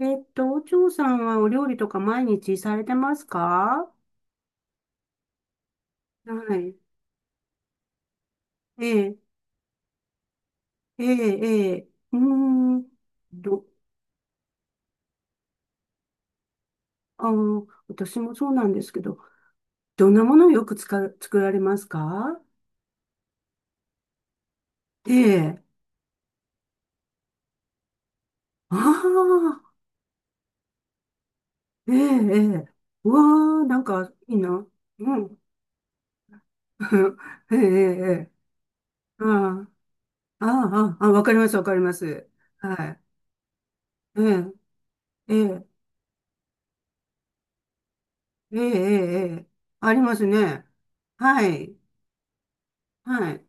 お嬢さんはお料理とか毎日されてますか？はい。ええ、ええ、ええ、うーん、ど、私もそうなんですけど、どんなものをよく作られますか？ええ、ああ、ええ、ええ、うわあ、なんかいいな。うん。ええ、ええ、ええ、ああ、ああ、ああ、わかります、わかります。はい。ええ、ええ、ええ、ええ、ええ、ありますね。はい。はい。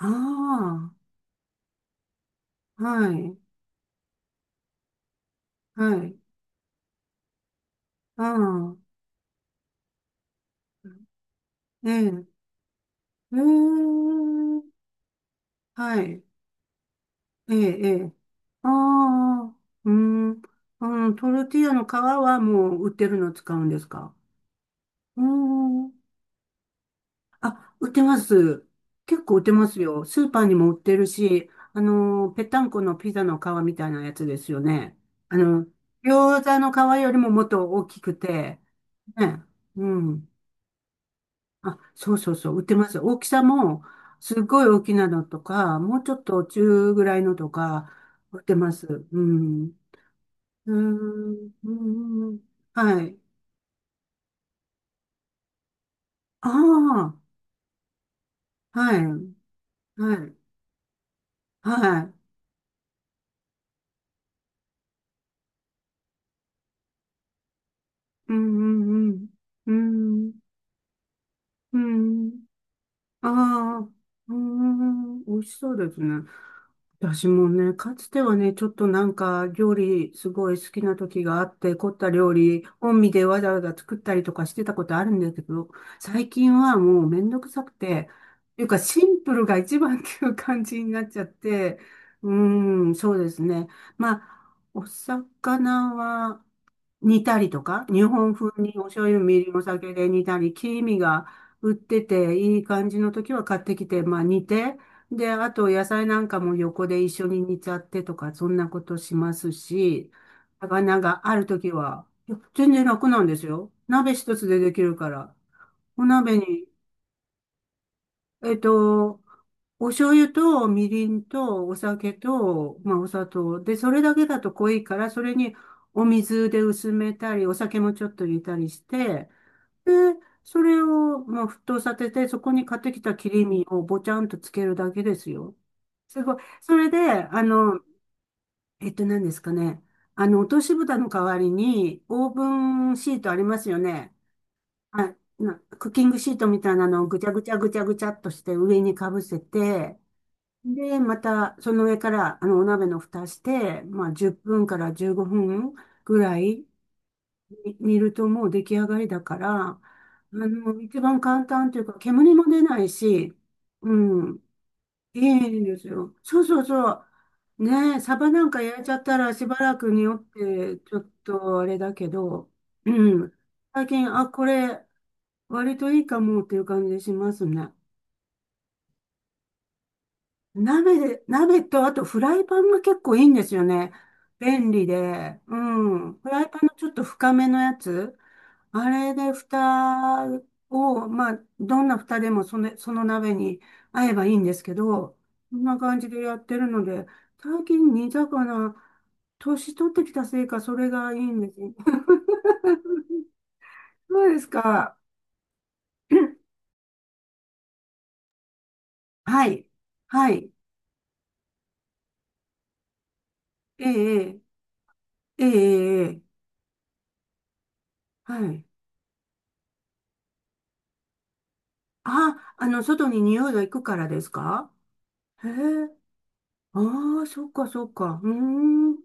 ああ、はい、はい、ああ、ええ、うーん、はい、ええ、ええ、ああ、うーん、うん、トルティーヤの皮はもう売ってるの使うんですか？うーん、あ、売ってます。結構売ってますよ。スーパーにも売ってるし、ぺったんこのピザの皮みたいなやつですよね。あの、餃子の皮よりももっと大きくて、ね、うん。あ、そうそうそう、売ってます。大きさも、すごい大きなのとか、もうちょっと中ぐらいのとか、売ってます。うん。うーん。うん。うん、はい。ああ、はい。はい。はい。うん。うん。うん。うん。うん、ああ、うーん、美味しそうですね。私もね、かつてはね、ちょっとなんか料理すごい好きな時があって、凝った料理、本身でわざわざ作ったりとかしてたことあるんだけど、最近はもうめんどくさくて、というかシンプルが一番っていう感じになっちゃって、うーん、そうですね。まあ、お魚は、煮たりとか、日本風にお醤油、みりん、お酒で煮たり、黄身が売ってていい感じの時は買ってきて、まあ煮て、で、あと野菜なんかも横で一緒に煮ちゃってとか、そんなことしますし、魚がある時は、いや全然楽なんですよ。鍋一つでできるから。お鍋にえっと、お醤油とみりんとお酒と、まあ、お砂糖。で、それだけだと濃いから、それにお水で薄めたり、お酒もちょっと入れたりして、で、それを、まあ、沸騰させて、そこに買ってきた切り身をぼちゃんとつけるだけですよ。すごい。それで、何ですかね。落とし蓋の代わりに、オーブンシートありますよね。はい。クッキングシートみたいなのをぐちゃぐちゃぐちゃぐちゃっとして上にかぶせて、で、またその上からあのお鍋の蓋して、まあ10分から15分ぐらいに煮るともう出来上がりだから、一番簡単というか煙も出ないし、うん、いいんですよ。そうそうそう。ねえ、サバなんか焼いちゃったらしばらく匂ってちょっとあれだけど、うん。最近、あ、これ、割といいかもっていう感じしますね。鍋で、鍋とあとフライパンが結構いいんですよね。便利で。うん。フライパンのちょっと深めのやつ。あれで蓋を、まあ、どんな蓋でもその鍋に合えばいいんですけど、こんな感じでやってるので、最近煮魚、年取ってきたせいか、それがいいんですよ。そうですか。はい。はい。ええ、ええ、ええ、ええ、はい。あ、外に匂いが行くからですか？へえ。ああ、そっかそっか。うーん。うん、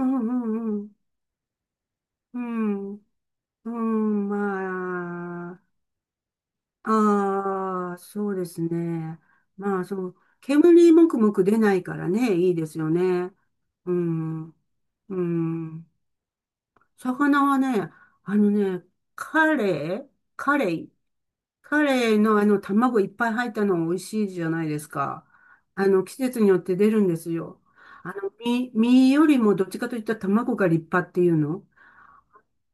うん、うん。うん。うん、まあ。ああ、そうですね。まあ、そう。煙もくもく出ないからね、いいですよね。うん。うん。魚はね、あのね、カレイ、カレイ、彼のあの卵いっぱい入ったの美味しいじゃないですか。あの季節によって出るんですよ。あの身、身よりもどっちかといったら卵が立派っていうの。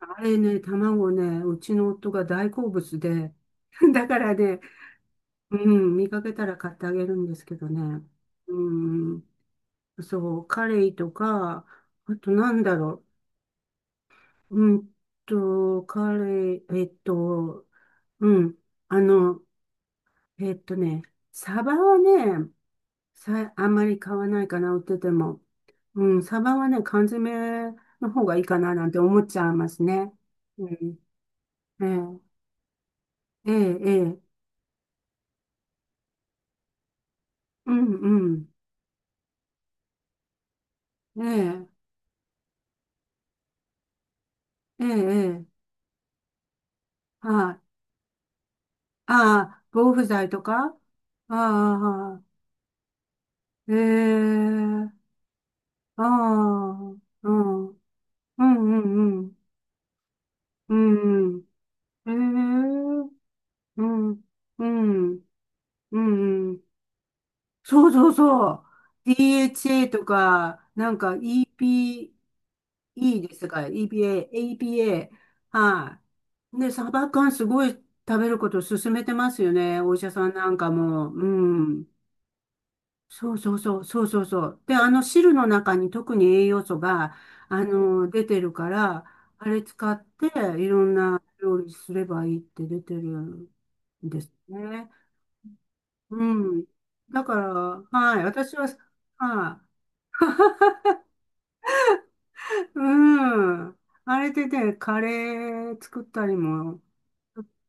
あれね、卵ね、うちの夫が大好物で。だからね、うん、見かけたら買ってあげるんですけどね。うん、そう、カレイとか、あとなんだろう。カレイ、うん、あの、えっとね、サバはね、あんまり買わないかな、売ってても。うん、サバはね、缶詰の方がいいかな、なんて思っちゃいますね。うん。ええ、ええ、ええ、うん、うん。ええ、ええ、ええ、はい。ああ、防腐剤とかああ、ええ、ああ、うん、うん、うん、うん、うん、うん、ええ、うん、うん、うん、うん。そうそうそう。DHA とか、なんか EPE ですか？ EPA、APA。はい。で、サバ缶すごい食べることを勧めてますよね。お医者さんなんかも。うん。そうそうそう、そうそうそう。で、あの汁の中に特に栄養素が、出てるから、あれ使っていろんな料理すればいいって出てるんですね。うん。だから、はい。私は、はい、うん。あれでね、カレー作ったりも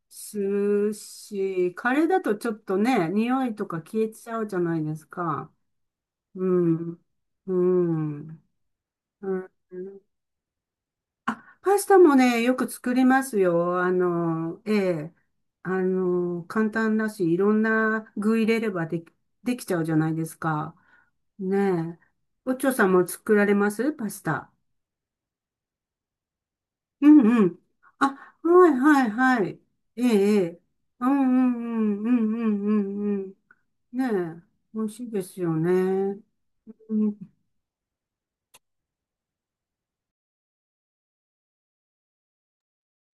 するし、カレーだとちょっとね、匂いとか消えちゃうじゃないですか。うん。うん。うん、あ、パスタもね、よく作りますよ。あの、ええ。簡単だし、いろんな具入れればできちゃうじゃないですか。ねえ。おちょさんも作られますパスタ。うん、うん。あ、はい、はい、はい。ええ、ええ。うん、うん、うん、うん、うん、うん、うん。ねえ、美味しいですよね。うん、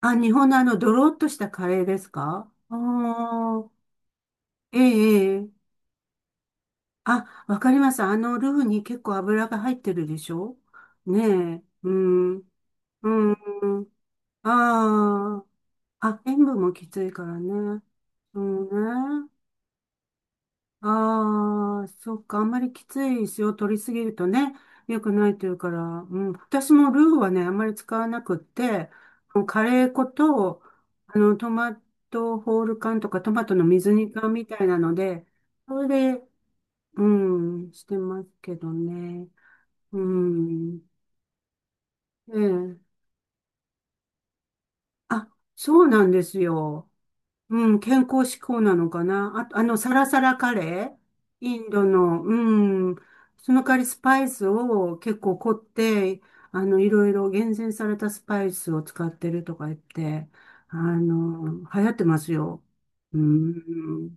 あ、日本のあの、ドロッとしたカレーですか？ああー、ええ、ええ。あ、わかります。ルーに結構油が入ってるでしょ？ねえ、うん、うん、ああ、あ、塩分もきついからね。うんね。ああ、そっか。あんまりきつい塩を取りすぎるとね、良くないというから、うん。私もルーはね、あんまり使わなくって、もうカレー粉と、トマトホール缶とかトマトの水煮缶みたいなので、それで、うん、してますけどね。うん。ええ。あ、そうなんですよ。うん、健康志向なのかな。あと、サラサラカレー、インドの、うん。その代わりスパイスを結構凝って、いろいろ厳選されたスパイスを使ってるとか言って、流行ってますよ。うん。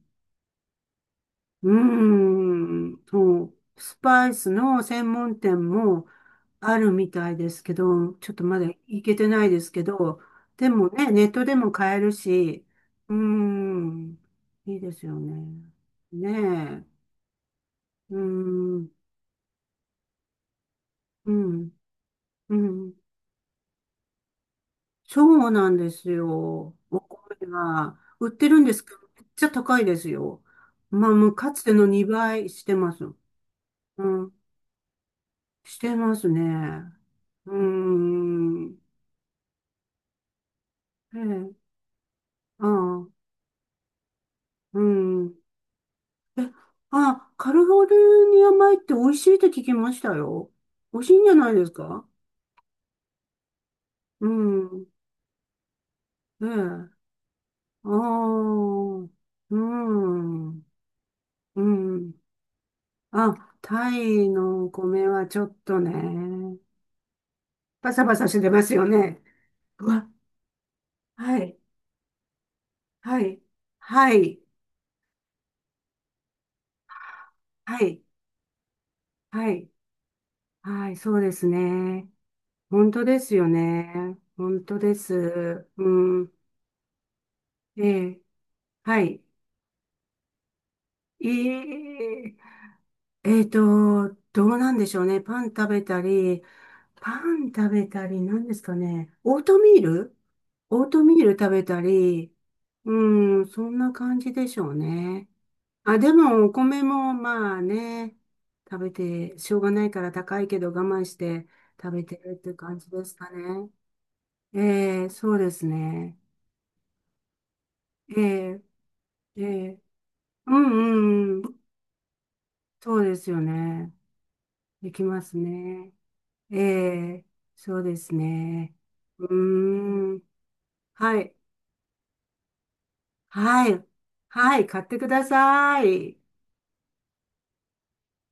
うん。そう。スパイスの専門店も、あるみたいですけど、ちょっとまだ行けてないですけど、でもね、ネットでも買えるし、うーん、いいですよね。ねえ、うーん、うん、うん。そうなんですよ。お米が。売ってるんですけど、めっちゃ高いですよ。まあ、もうかつての2倍してます。うん、してますね。うーん、ええ、ああ、うん。え、あ、カリフォルニア米って美味しいって聞きましたよ。美味しいんじゃないですか？うん。ええ。ああ。うん。うん。あ、タイのお米はちょっとね、パサパサしてますよね。うわ、はい、はい、はい、はい、はい、はい、そうですね。本当ですよね。本当です。うん。ええ、はい。え、え、えっと、どうなんでしょうね。パン食べたり、パン食べたり、何ですかね。オートミール、オートミール食べたり、うん、そんな感じでしょうね。あ、でも、お米もまあね、食べて、しょうがないから高いけど我慢して食べてるって感じですかね。ええ、そうですね。ええ、ええ、うん、うん、うん、そうですよね。できますね。ええ、そうですね。うーん。はい。はい。はい。買ってください。